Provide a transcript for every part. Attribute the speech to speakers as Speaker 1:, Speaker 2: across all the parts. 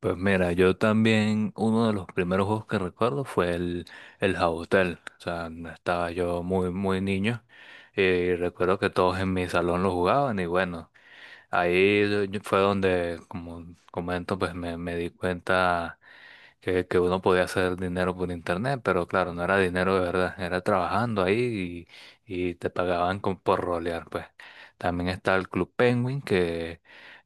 Speaker 1: Pues mira, yo también, uno de los primeros juegos que recuerdo fue el Jabotel. O sea, no estaba yo muy, muy niño y recuerdo que todos en mi salón lo jugaban y bueno, fue donde, como comento, pues me di cuenta que uno podía hacer dinero por internet, pero claro, no era dinero de verdad, era trabajando ahí y te pagaban con, por rolear, pues. También está el Club Penguin, que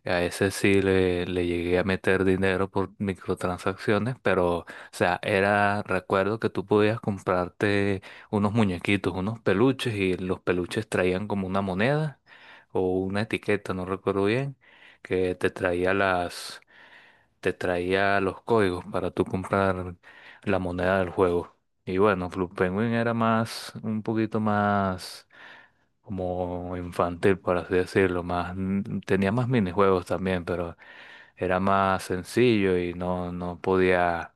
Speaker 1: a ese sí le llegué a meter dinero por microtransacciones, pero, o sea, era, recuerdo que tú podías comprarte unos muñequitos, unos peluches, y los peluches traían como una moneda o una etiqueta, no recuerdo bien, que te traía las, te traía los códigos para tú comprar la moneda del juego. Y bueno, Club Penguin era más, un poquito más como infantil, por así decirlo, más, tenía más minijuegos también, pero era más sencillo y no, no podía,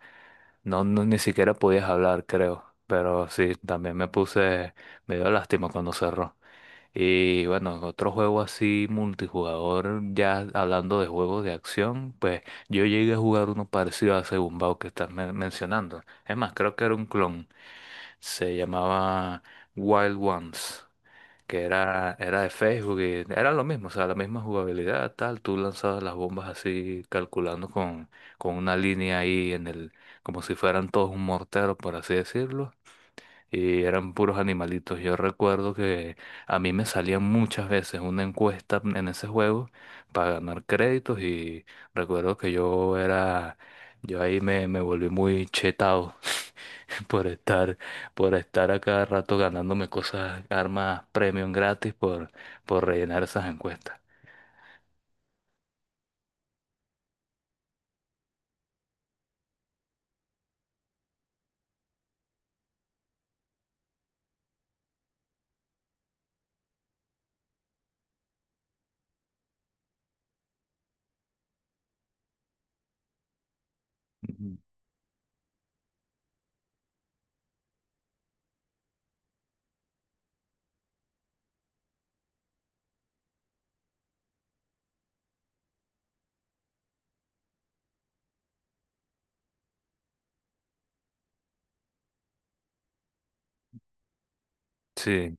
Speaker 1: ni siquiera podías hablar, creo. Pero sí, también me puse, me dio lástima cuando cerró. Y bueno, otro juego así multijugador, ya hablando de juegos de acción, pues yo llegué a jugar uno parecido a ese Gumbao que estás mencionando. Es más, creo que era un clon. Se llamaba Wild Ones, que era de Facebook y era lo mismo, o sea, la misma jugabilidad, tal. Tú lanzabas las bombas así, calculando con una línea ahí en el, como si fueran todos un mortero, por así decirlo, y eran puros animalitos. Yo recuerdo que a mí me salían muchas veces una encuesta en ese juego para ganar créditos y recuerdo que yo era, yo ahí me volví muy chetado por estar, por estar a cada rato ganándome cosas, armas premium gratis por rellenar esas encuestas. Ujú. Sí.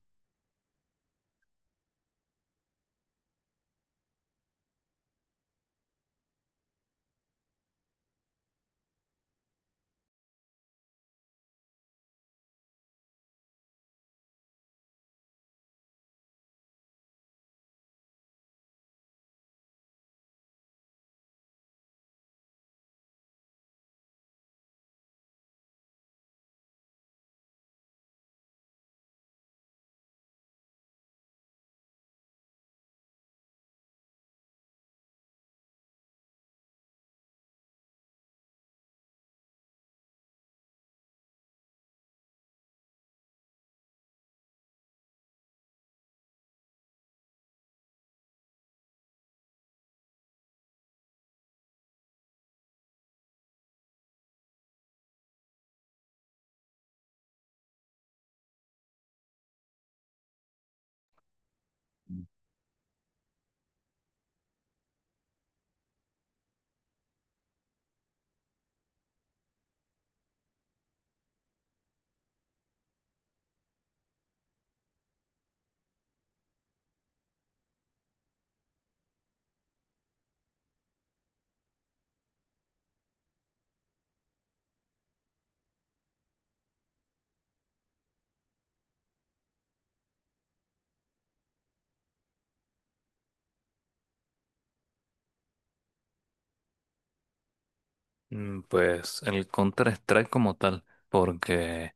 Speaker 1: Pues el Counter-Strike como tal, porque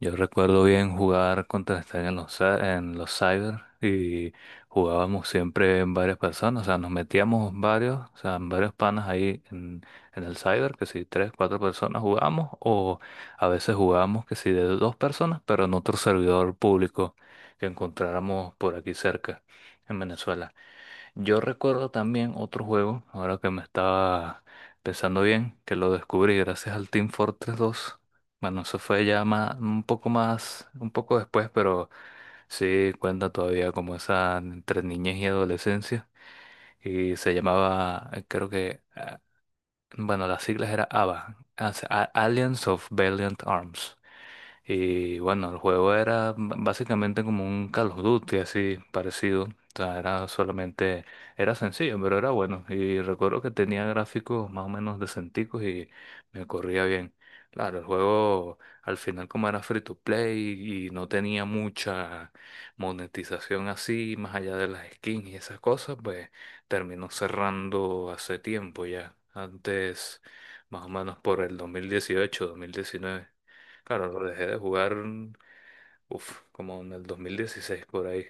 Speaker 1: yo recuerdo bien jugar Counter-Strike en en los cyber y jugábamos siempre en varias personas, o sea, nos metíamos varios, o sea, en varios panas ahí en el cyber, que si tres, cuatro personas jugábamos, o a veces jugábamos que si de dos personas, pero en otro servidor público que encontráramos por aquí cerca, en Venezuela. Yo recuerdo también otro juego, ahora que me estaba pensando bien, que lo descubrí gracias al Team Fortress 2. Bueno, eso fue ya más, un poco después, pero sí cuenta todavía como esa entre niñez y adolescencia. Y se llamaba, creo que, bueno, las siglas era ABBA, Alliance of Valiant Arms. Y bueno, el juego era básicamente como un Call of Duty así parecido. O sea, era solamente, era sencillo, pero era bueno. Y recuerdo que tenía gráficos más o menos decenticos y me corría bien. Claro, el juego al final como era free to play y no tenía mucha monetización así, más allá de las skins y esas cosas, pues terminó cerrando hace tiempo ya. Antes, más o menos por el 2018, 2019. Claro, lo dejé de jugar, uf, como en el 2016 por ahí.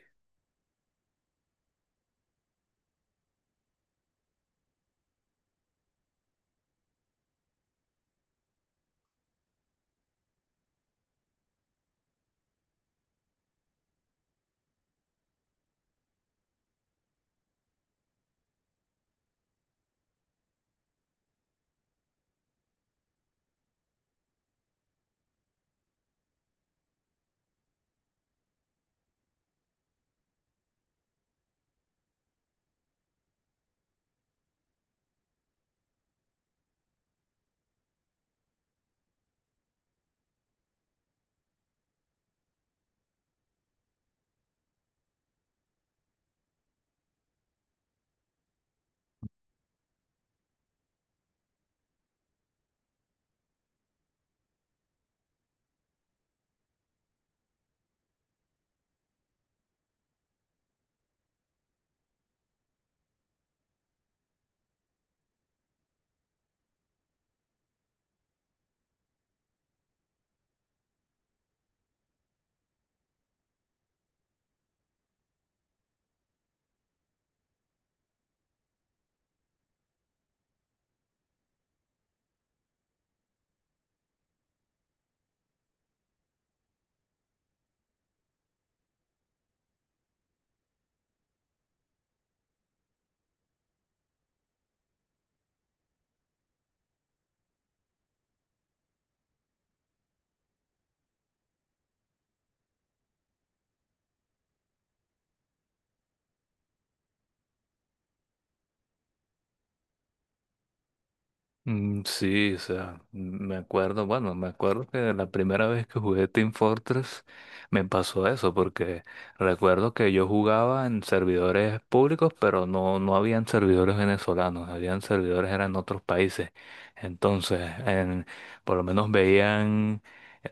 Speaker 1: Sí, o sea, me acuerdo, bueno, me acuerdo que la primera vez que jugué Team Fortress me pasó eso, porque recuerdo que yo jugaba en servidores públicos, pero no, no habían servidores venezolanos, habían servidores eran en otros países. Entonces, en- por lo menos veían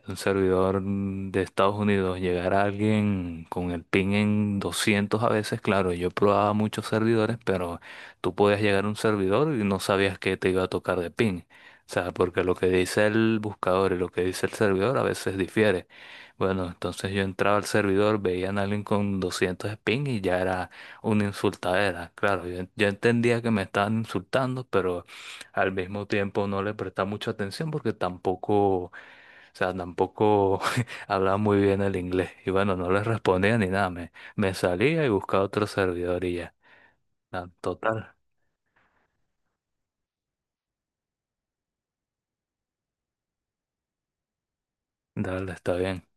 Speaker 1: un servidor de Estados Unidos llegar a alguien con el ping en 200 a veces, claro, yo probaba muchos servidores, pero tú podías llegar a un servidor y no sabías que te iba a tocar de ping. O sea, porque lo que dice el buscador y lo que dice el servidor a veces difiere. Bueno, entonces yo entraba al servidor, veían a alguien con 200 de ping y ya era una insultadera. Claro, yo entendía que me estaban insultando, pero al mismo tiempo no le prestaba mucha atención porque tampoco, o sea, tampoco hablaba muy bien el inglés. Y bueno, no les respondía ni nada, me salía y buscaba otro servidor y ya. Ah, total. Dale, está bien.